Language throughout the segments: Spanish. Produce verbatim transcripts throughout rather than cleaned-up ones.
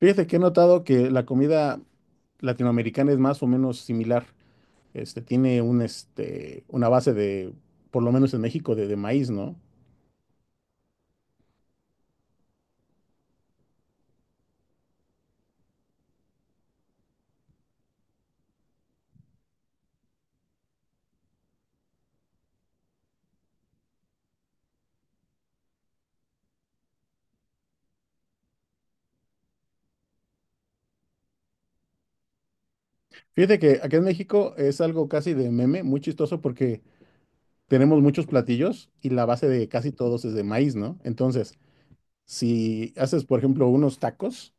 Fíjate que he notado que la comida latinoamericana es más o menos similar. Este, tiene un, este, una base de, por lo menos en México, de, de maíz, ¿no? Fíjate que aquí en México es algo casi de meme, muy chistoso porque tenemos muchos platillos y la base de casi todos es de maíz, ¿no? Entonces, si haces, por ejemplo, unos tacos,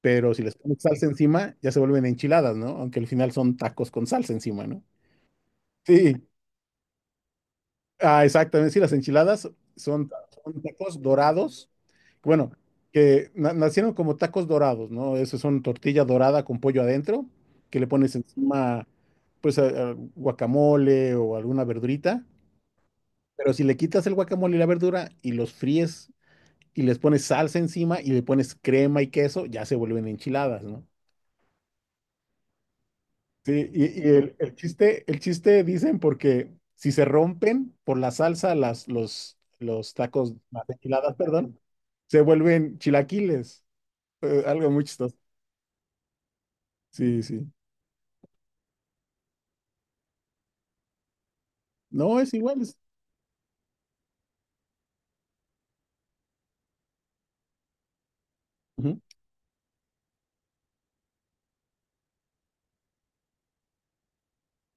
pero si les pones salsa encima, ya se vuelven enchiladas, ¿no? Aunque al final son tacos con salsa encima, ¿no? Sí, ah, exactamente, sí, las enchiladas son, son tacos dorados, bueno, que na- nacieron como tacos dorados, ¿no? Eso son tortilla dorada con pollo adentro, que le pones encima, pues, a- a guacamole o alguna verdurita, pero si le quitas el guacamole y la verdura y los fríes y les pones salsa encima y le pones crema y queso, ya se vuelven enchiladas, ¿no? Sí, y, y el, el chiste, el chiste dicen porque si se rompen por la salsa, las, los, los tacos, las enchiladas, perdón, se vuelven chilaquiles. Eh, algo muy chistoso. Sí, sí. No, es igual. es- Ujú.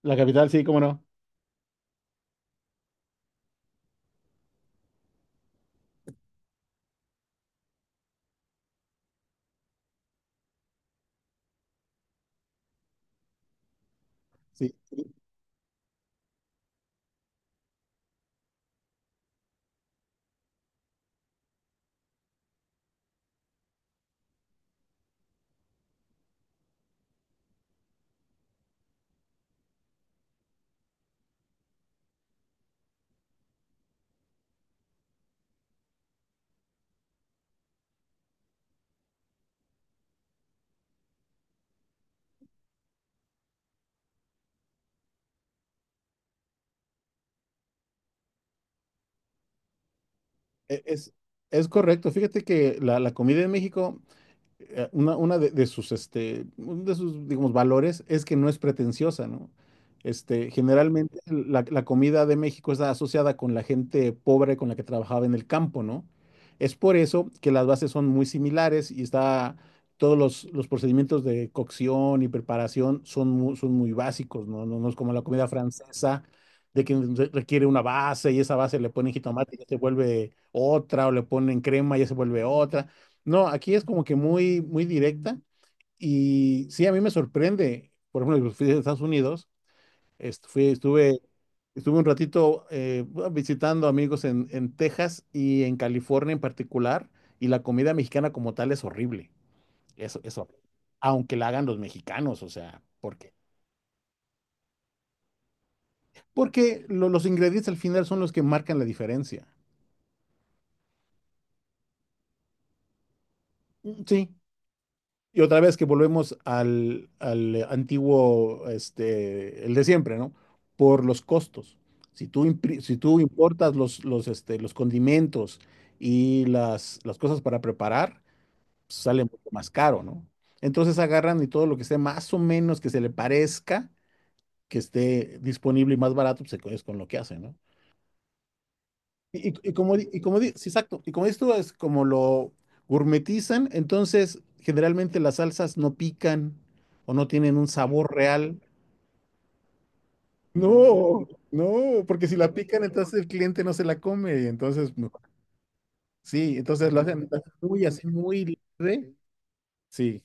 La capital, sí, cómo no. Sí, e- es, es correcto. Fíjate que la, la comida en México eh, una, una de, de sus, este, uno de sus, digamos, valores es que no es pretenciosa, ¿no? Este, generalmente la, la comida de México está asociada con la gente pobre con la que trabajaba en el campo, ¿no? Es por eso que las bases son muy similares y está, todos los, los procedimientos de cocción y preparación son muy, son muy básicos, ¿no? No, no es como la comida francesa, de que re- requiere una base y esa base le ponen jitomate y ya se vuelve otra, o le ponen crema y ya se vuelve otra. No, aquí es como que muy, muy directa y sí, a mí me sorprende. Por ejemplo, fui a Estados Unidos, est- fui- estuve, estuve un ratito eh, bueno, visitando amigos en, en Texas y en California en particular, y la comida mexicana como tal es horrible. Eso, eso, aunque la hagan los mexicanos, o sea, ¿por qué? Porque lo- los ingredientes al final son los que marcan la diferencia. Mm, Sí, y otra vez que volvemos al, al antiguo, este, el de siempre, ¿no? Por los costos. Si tú, impri- si tú importas los, los, este, los condimentos y las, las cosas para preparar, pues, sale mucho más caro, ¿no? Entonces agarran y todo lo que esté más o menos que se le parezca, que esté disponible y más barato, pues es con lo que hacen, ¿no? Y, y- y como, di- y como, di- sí, exacto, y como dices tú, es como lo gourmetizan, entonces generalmente las salsas no pican o no tienen un sabor real. No, no, porque si la pican, entonces el cliente no se la come, y entonces, no. Sí, entonces lo hacen lo hacen muy así, muy leve. Sí.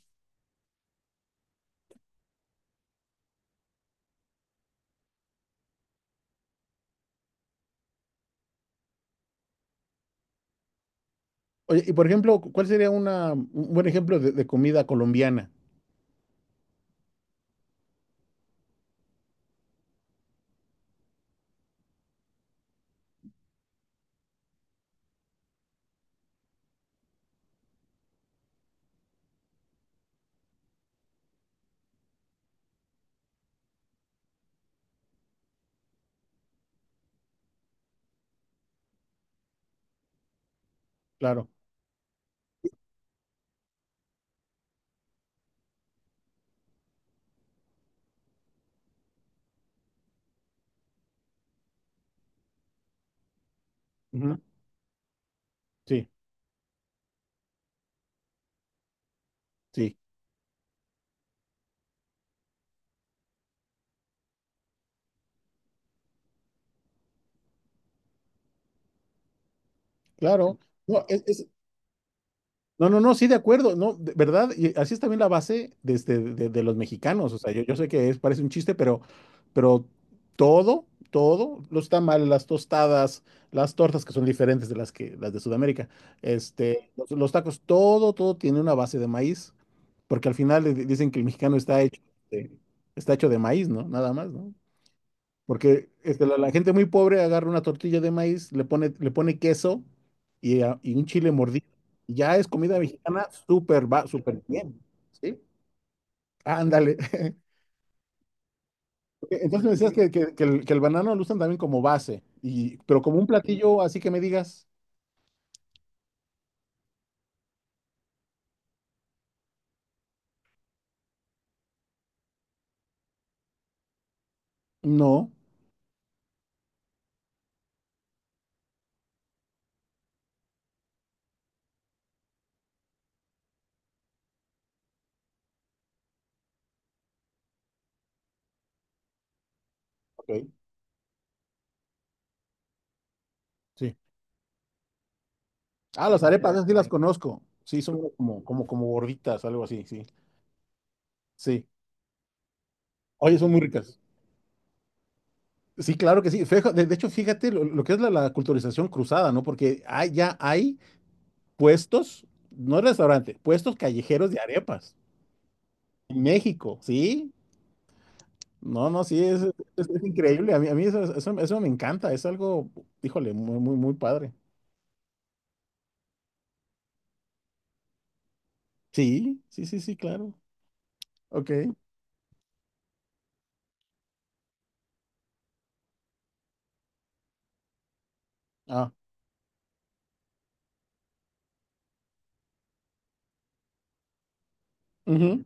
Oye, y por ejemplo, cu- ¿cuál sería una, un buen ejemplo de, de comida colombiana? Claro. Ujú. Sí, sí, claro. No, es, es- No, no, no, sí, de acuerdo, no, de verdad, y así es también la base de, este- de- de los mexicanos, o sea, yo, yo sé que es, parece un chiste, pero, pero todo, todo, los tamales, las tostadas, las tortas que son diferentes de las que, las de Sudamérica, este, los, los tacos, todo, todo tiene una base de maíz, porque al final le di- dicen que el mexicano está hecho de, está hecho de maíz, ¿no? Nada más, ¿no? Porque este, la, la gente muy pobre agarra una tortilla de maíz, le pone, le pone queso y, a- y un chile mordido. Ya es comida mexicana súper, va súper bien. ¿Sí? Ándale. Entonces me decías que, que- que el, que el banano lo usan también como base, y, pero como un platillo, así que me digas, no. Ok, sí. Ah, las arepas, esas sí las conozco. Sí, son como, como, como gorditas, algo así, sí. Sí. Oye, son muy ricas. Sí, claro que sí. Feja- De, de hecho, fíjate lo, lo que es la, la culturización cruzada, ¿no? Porque hay- ya hay puestos, no restaurante, puestos callejeros de arepas. En México, ¿sí? No, no, sí, es, es- es increíble. A mí, a mí eso, eso- eso me encanta. Es algo, híjole, muy, muy, muy padre. Sí, sí, sí, sí, claro. Ok. Ah, ujú.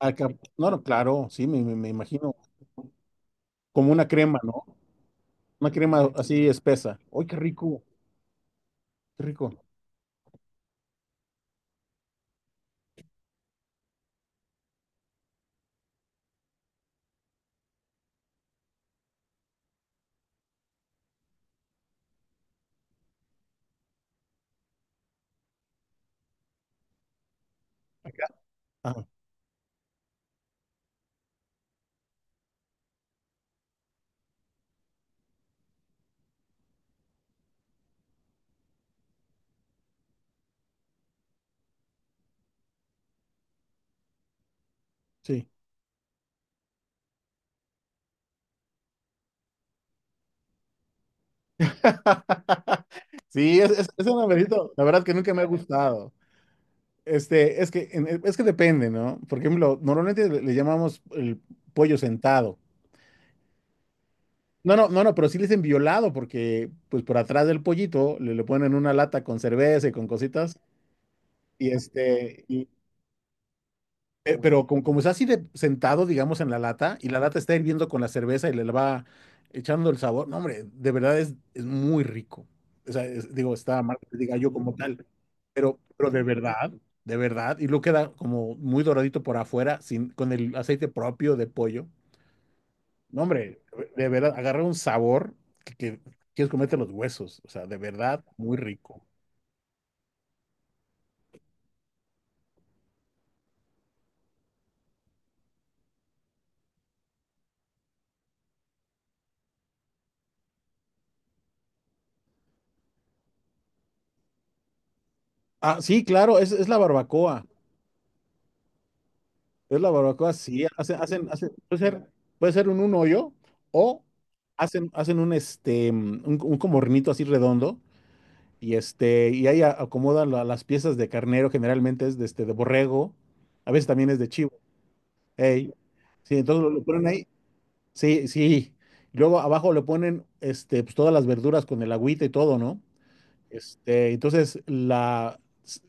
Acá, no, no, claro, sí, me, me- me imagino. Como una crema, ¿no? Una crema así espesa. ¡Ay, qué rico! ¡Qué rico! Acá. Ah, sí. Sí, es, es, es un amarillito. La verdad que nunca me ha gustado. Este, es que, en- es que depende, ¿no? Por ejemplo, normalmente le, le llamamos el pollo sentado. No, no, no, no, pero sí le dicen violado porque, pues, por atrás del pollito le, le ponen una lata con cerveza y con cositas y este, y, eh, pero como, como está así de sentado, digamos, en la lata, y la lata está hirviendo con la cerveza y le va echando el sabor, no, hombre, de verdad es, es muy rico. O sea, es- digo, está marca de gallo como tal, pero, pero de verdad, de verdad, y luego queda como muy doradito por afuera, sin, con el aceite propio de pollo. No, hombre, de verdad, agarra un sabor que, que quieres comerte los huesos, o sea, de verdad, muy rico. Ah, sí, claro, es, es la barbacoa. Es la barbacoa, sí, hacen, hacen, hacen- puede ser, puede ser un, un hoyo o hacen, hacen un este, mm, un, un como hornito así redondo y este, y ahí a- acomodan la- las piezas de carnero, generalmente es de este, de borrego, a veces también es de chivo. Ey, sí, entonces lo, lo ponen ahí, sí, sí. Y luego abajo le ponen este, pues, todas las verduras con el agüita y todo, ¿no? Este, entonces la,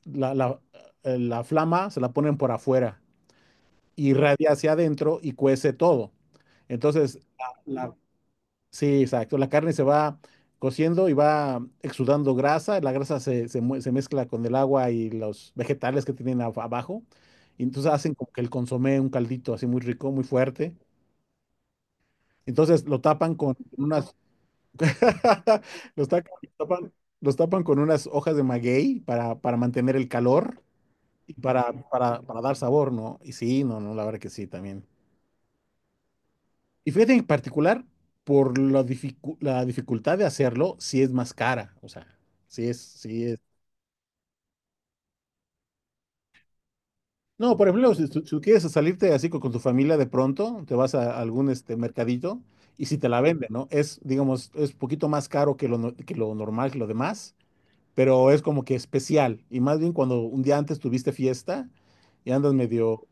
la, la, eh, la flama se la ponen por afuera, irradia hacia adentro y cuece todo. Entonces, la- la- sí, exacto, la carne se va cociendo y va exudando grasa, la grasa se, se mue- se mezcla con el agua y los vegetales que tienen ab- abajo, y entonces hacen como que el consomé, un caldito así muy rico, muy fuerte. Entonces lo tapan con unas, los tapan, tapan- los tapan con unas hojas de maguey para, para mantener el calor y para, para, para dar sabor, ¿no? Y sí, no, no, la verdad que sí, también. Y fíjate en particular, por la, dificu- la dificultad de hacerlo, si es más cara. O sea, si es, si es. No, por ejemplo, si, tú si tú quieres salirte así con, con tu familia de pronto, te vas a algún este mercadito y si te la venden, ¿no? Es, digamos, es un poquito más caro que lo, no- que lo normal, que lo demás, pero es como que especial. Y más bien cuando un día antes tuviste fiesta y andas medio,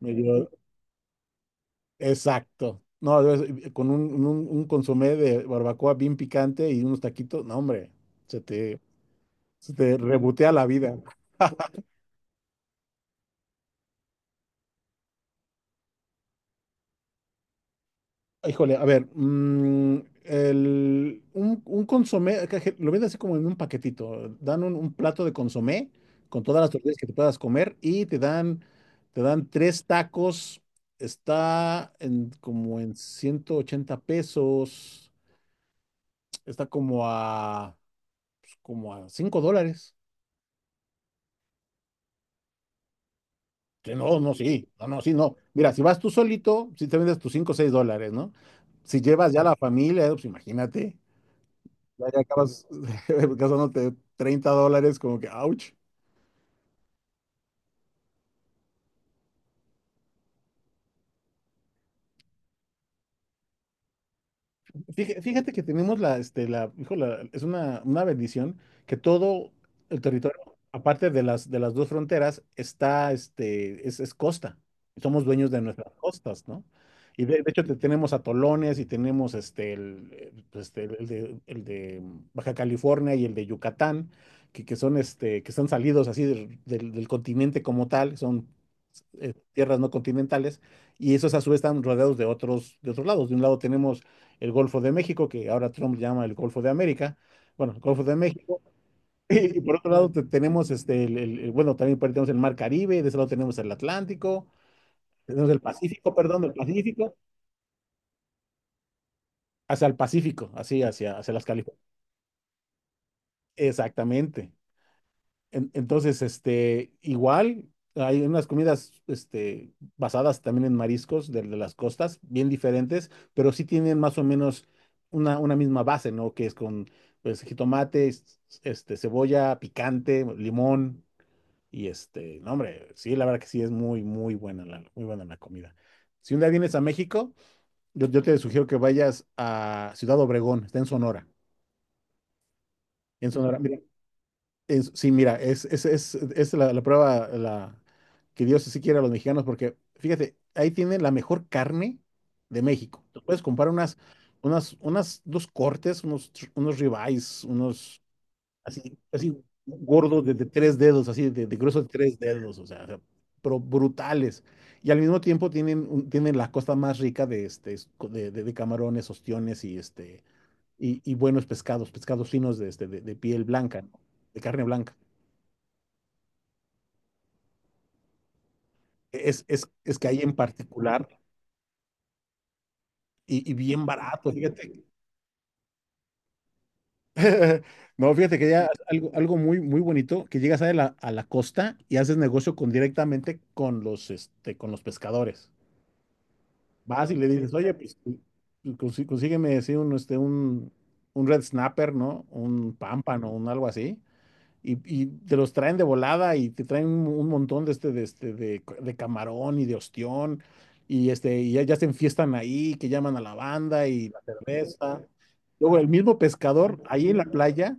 medio exacto. No, debes- eh, Con un, un, un consomé de barbacoa bien picante y unos taquitos, no, hombre, se te, se te rebotea la vida. Híjole, a ver, mm, el, un, un consomé, acá je- lo venden así como en un paquetito. Dan un, un plato de consomé con todas las tortillas que te puedas comer y te dan, te dan tres tacos. Está en, como en ciento ochenta pesos. Está como a, pues, como a cinco dólares. Que no, no, sí, no, no, sí, no. Mira, si vas tú solito, si te vendes tus cinco o seis dólares, ¿no? Si llevas ya la familia, eh, pues imagínate, ya, ya acabas gastándote treinta dólares, como que, ouch. Fíj- Fíjate que tenemos la, este, la, hijo, la- es una, una bendición que todo el territorio, aparte de las, de las dos fronteras, está, este, es, es costa. Somos dueños de nuestras costas, ¿no? Y de, de hecho te- tenemos atolones y tenemos este, el, eh, pues, este, el de, el de Baja California y el de Yucatán, que, que son, este, que están salidos así del, del- del continente como tal, son eh, tierras no continentales, y esos a su vez están rodeados de otros, de otros lados. De un lado tenemos el Golfo de México, que ahora Trump llama el Golfo de América, bueno, el Golfo de México, y, por otro lado te- tenemos, este, el, el- el- bueno, también por ahí tenemos el Mar Caribe, de ese lado tenemos el Atlántico, tenemos el Pacífico, perdón, el Pacífico, hacia el Pacífico, así, hacia, hacia las Californias. Exactamente. En- entonces, este, igual hay unas comidas, este, basadas también en mariscos de, de las costas, bien diferentes, pero sí tienen más o menos una, una misma base, ¿no? Que es con, pues, jitomate, es- este, cebolla, picante, limón y este, no, hombre, sí, la verdad que sí es muy, muy buena la, muy buena la comida. Si un día vienes a México, yo, yo te sugiero que vayas a Ciudad Obregón, está en Sonora. En Sonora, mira, es- sí, mira, es, es, es, es la, la prueba la, que Dios sí quiere a los mexicanos, porque fíjate, ahí tienen la mejor carne de México. Tú puedes comprar unas, unas, unas, dos cortes, unos, tr- unos ribeyes, unos así, así gordos de, de tres dedos, así de, de grueso de tres dedos, o sea, o sea, pero brutales. Y al mismo tiempo tienen, un- tienen la costa más rica de, este, es- de, de- de camarones, ostiones y, este, y, y buenos pescados, pescados finos de, este, de, de piel blanca, ¿no? De carne blanca. Es, es, es que hay en particular y, y bien barato, fíjate. No, fíjate que ya algo, algo muy, muy bonito, que llegas a la, a la costa y haces negocio con, directamente con los, este, con los pescadores. Vas y le dices, oye, pues consí- consígueme sí, un, este, un, un red snapper, ¿no? Un pámpano, un algo así. Y, y te los traen de volada y te traen un, un montón de este, de este, de, de camarón y de ostión, y este, y ya, ya se enfiestan ahí, que llaman a la banda y la cerveza. Luego el mismo pescador ahí en la playa,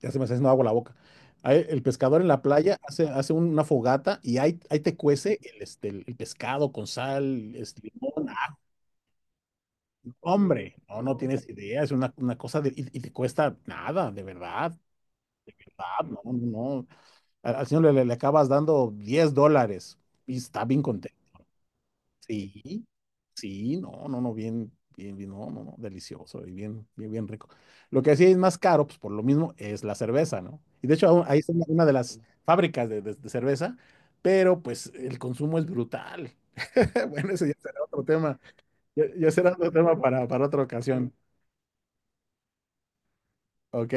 ya se me está haciendo agua la boca. Ahí el pescador en la playa hace, hace un- una fogata y ahí, ahí te cuece el, este, el, el pescado con sal, este, limón. ¡Ah, hombre, no, no tienes idea, es una, una cosa de- y, y te cuesta nada, de verdad, de verdad, no, no, no. Al, al señor le, le acabas dando diez dólares y está bien contento. Sí, sí, no, no, no, bien, bien, bien, no, no, no, delicioso y bien, bien, bien rico. Lo que sí es más caro, pues por lo mismo, es la cerveza, ¿no? Y de hecho, aún- ahí está una una de las fábricas de, de- de cerveza, pero pues el consumo es brutal. Bueno, ese ya será otro tema, ya, ya será otro tema para, para otra ocasión, ¿ok?